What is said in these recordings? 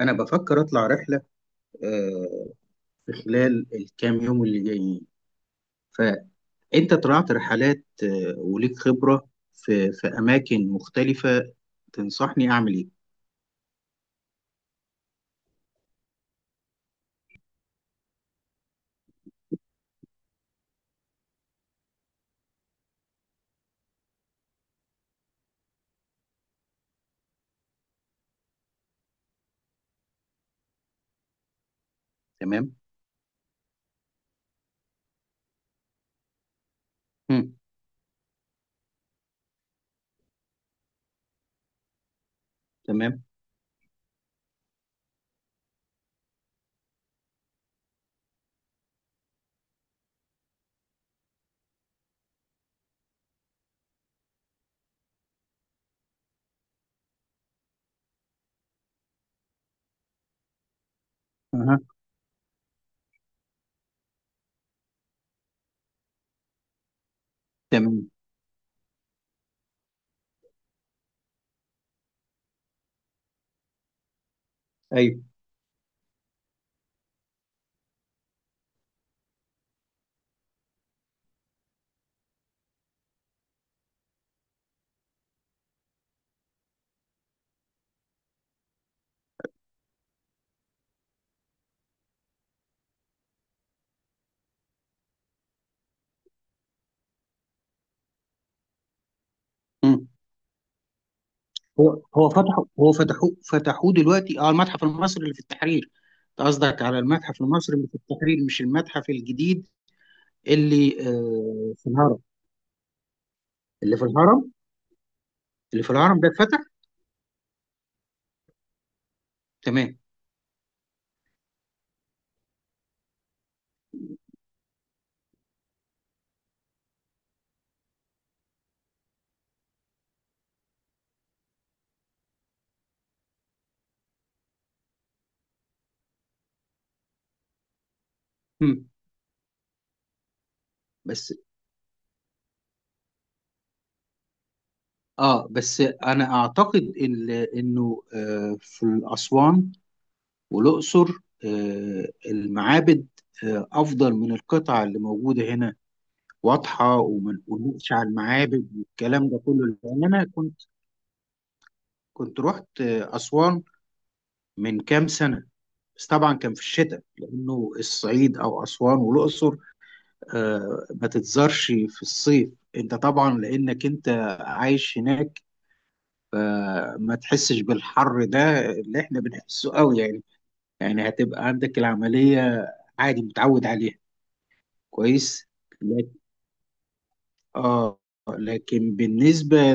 أنا بفكر أطلع رحلة، آه، في خلال الكام يوم اللي جايين. فأنت طلعت رحلات، وليك خبرة في أماكن مختلفة. تنصحني أعمل إيه؟ تمام؟ مم. تمام. أها. تمام. أيوه. مم. هو هو فتحوا هو فتحوا فتحوه دلوقتي، المتحف المصري اللي في التحرير. أنت قصدك على المتحف المصري اللي في التحرير، مش المتحف الجديد اللي في الهرم. اللي في الهرم، ده اتفتح. تمام. مم. بس انا اعتقد انه في اسوان والاقصر، المعابد افضل من القطع اللي موجوده هنا، واضحه. وما نقولش على المعابد والكلام ده كله، لان انا كنت رحت اسوان من كام سنه. بس طبعا كان في الشتاء، لانه الصعيد او اسوان والاقصر ما تتزارش في الصيف. انت طبعا لانك انت عايش هناك فما تحسش بالحر ده اللي احنا بنحسه قوي يعني. يعني هتبقى عندك العملية عادي، متعود عليها. كويس. لكن اه بالنسبة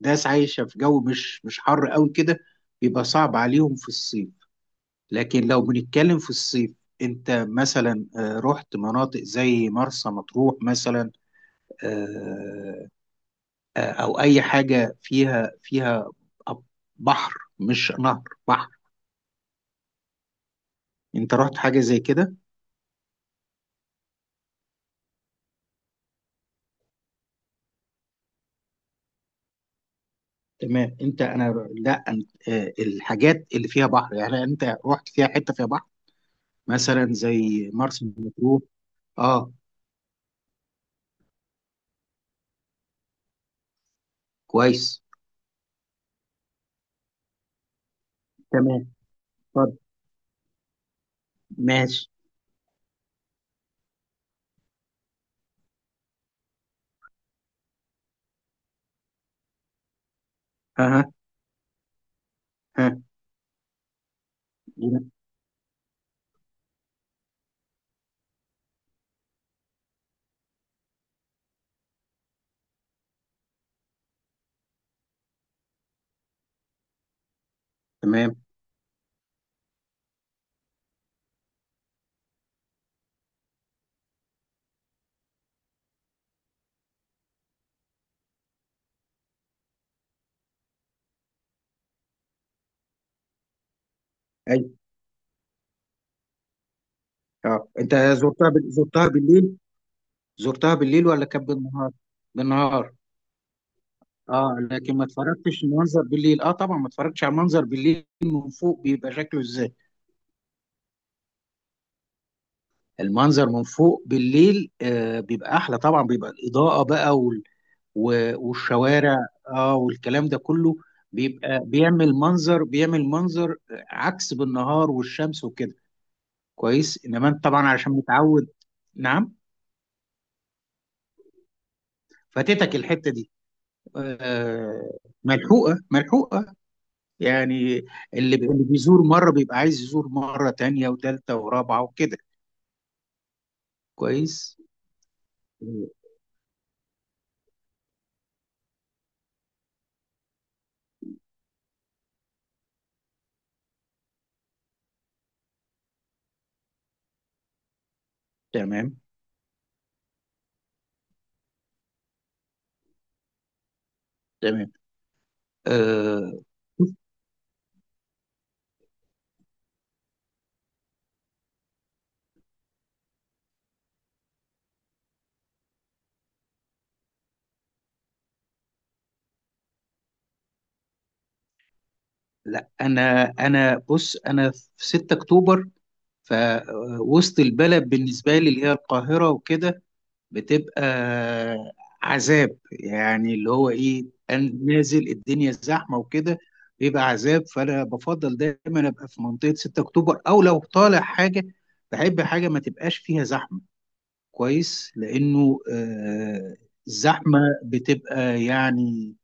لناس عايشة في جو مش حر قوي كده بيبقى صعب عليهم في الصيف. لكن لو بنتكلم في الصيف، انت مثلا رحت مناطق زي مرسى مطروح مثلا، آه، او اي حاجة فيها بحر، مش نهر، بحر. انت رحت حاجه زي كده؟ تمام. انت، انا، لا أنت، الحاجات اللي فيها بحر يعني، انت رحت فيها حته فيها بحر؟ مثلا زي مرسى مطروح. اه. كويس. تمام. طب. ماشي. اها. ها. جميل. تمام. اي. اه انت زرتها زرتها بالليل؟ زرتها بالليل ولا كان بالنهار؟ بالنهار، اه. لكن ما اتفرجتش المنظر بالليل. اه طبعا، ما اتفرجتش على المنظر بالليل من فوق بيبقى شكله ازاي؟ المنظر من فوق بالليل بيبقى احلى طبعا، بيبقى الاضاءه بقى والشوارع، اه، والكلام ده كله بيبقى بيعمل منظر، بيعمل منظر عكس بالنهار والشمس وكده. كويس، انما انت طبعا عشان متعود. نعم. فاتتك الحته دي، آه، ملحوقه ملحوقه يعني، اللي بيزور مره بيبقى عايز يزور مره تانية وتالتة ورابعه وكده. كويس. آه، تمام. تمام. آه، لا انا بص، انا في 6 اكتوبر، فوسط البلد بالنسبه لي اللي هي القاهره وكده بتبقى عذاب يعني، اللي هو ايه، أنا نازل الدنيا زحمه وكده بيبقى عذاب. فانا بفضل دايما ابقى في منطقه 6 اكتوبر، او لو طالع حاجه بحب حاجه ما تبقاش فيها زحمه. كويس. لانه الزحمه بتبقى يعني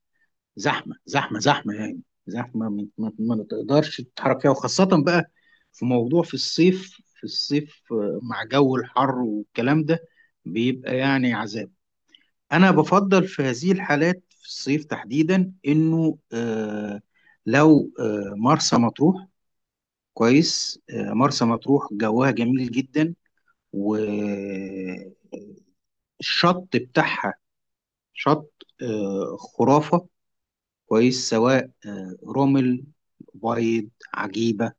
زحمه زحمه زحمه يعني، زحمه ما تقدرش تتحرك فيها، وخاصه بقى في موضوع في الصيف. في الصيف، مع جو الحر والكلام ده، بيبقى يعني عذاب. أنا بفضل في هذه الحالات في الصيف تحديدا إنه لو مرسى مطروح. كويس. مرسى مطروح جواها جميل جدا، والشط بتاعها، شط خرافة. كويس، سواء رمل بيض عجيبة.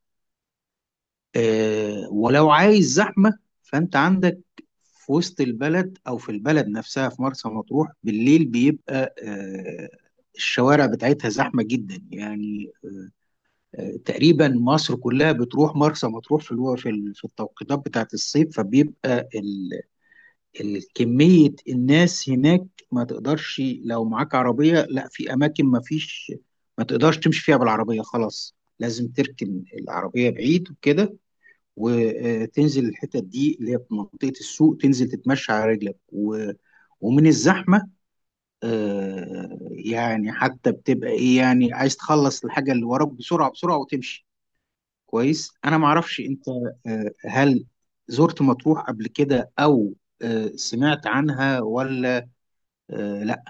ولو عايز زحمة فأنت عندك في وسط البلد أو في البلد نفسها، في مرسى مطروح بالليل بيبقى الشوارع بتاعتها زحمة جدا يعني. تقريبا مصر كلها بتروح مرسى مطروح في في التوقيتات بتاعت الصيف، فبيبقى كمية الناس هناك ما تقدرش، لو معاك عربية، لا، في أماكن ما فيش، ما تقدرش تمشي فيها بالعربية. خلاص لازم تركن العربية بعيد وكده، وتنزل الحتت دي اللي هي في منطقة السوق، تنزل تتمشى على رجلك ومن الزحمة، يعني حتى بتبقى ايه، يعني عايز تخلص الحاجة اللي وراك بسرعة بسرعة وتمشي. كويس. انا معرفش انت، هل زرت مطروح قبل كده، او سمعت عنها، ولا لا؟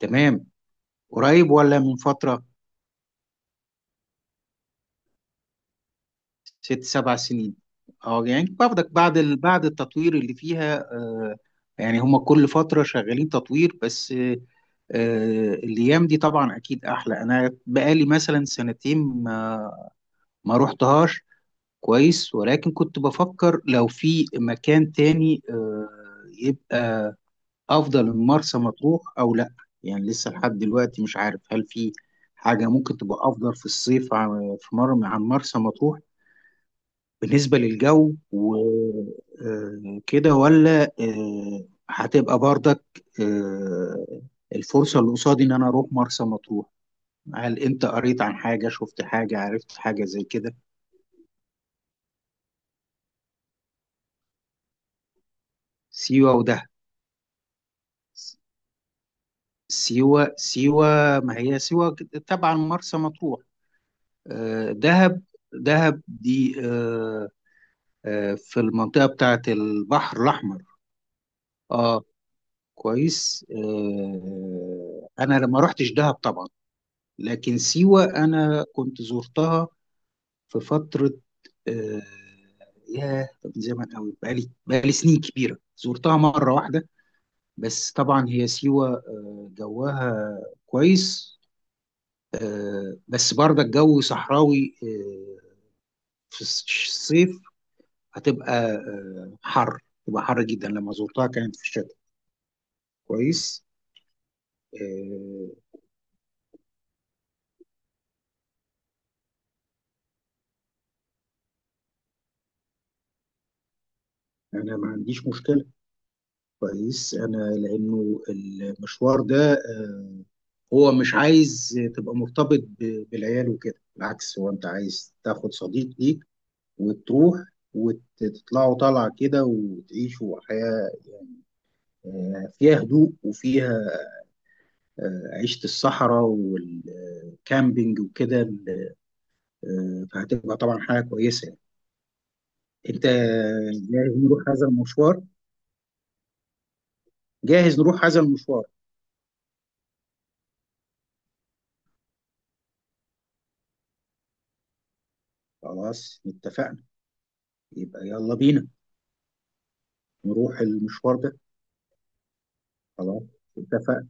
تمام. قريب ولا من فترة؟ 6-7 سنين. اه يعني باخدك بعد بعد التطوير اللي فيها، يعني هم كل فترة شغالين تطوير، بس الايام دي طبعا اكيد احلى. انا بقالي مثلا سنتين ما روحتهاش. كويس. ولكن كنت بفكر لو في مكان تاني يبقى افضل من مرسى مطروح او لا. يعني لسه لحد دلوقتي مش عارف هل في حاجة ممكن تبقى افضل في الصيف عن- في مر عن مرسى مطروح بالنسبة للجو وكده، ولا هتبقى برضك آه، الفرصة اللي قصادي إن أنا أروح مرسى مطروح. هل أنت قريت عن حاجة، شفت حاجة، عرفت حاجة زي كده؟ سيوة ودهب؟ سيوة سيوة. ما هي سيوة كده تبع مرسى مطروح. دهب. دهب دي، في المنطقة بتاعة البحر الأحمر. اه. كويس. انا لما روحتش دهب طبعا، لكن سيوة أنا كنت زرتها في فترة. آه، ياه، طب من زمان قوي، بقالي سنين كبيرة، زرتها مرة واحدة بس. طبعا هي سيوة جواها كويس. بس برضه الجو صحراوي في الصيف هتبقى حر، تبقى حر جدا. لما زرتها كانت في الشتاء. كويس. آه، أنا ما عنديش مشكلة. كويس. أنا لأنه المشوار ده هو مش عايز تبقى مرتبط بالعيال وكده، بالعكس. هو انت عايز تاخد صديق ليك وتروح وتطلعوا طالعة كده وتعيشوا حياة فيها هدوء وفيها عيشة الصحراء والكامبينج وكده، فهتبقى طبعا حاجة كويسة يعني. انت جاهز نروح هذا المشوار؟ جاهز نروح هذا المشوار. خلاص اتفقنا. يبقى يلا بينا نروح المشوار ده. خلاص اتفقنا.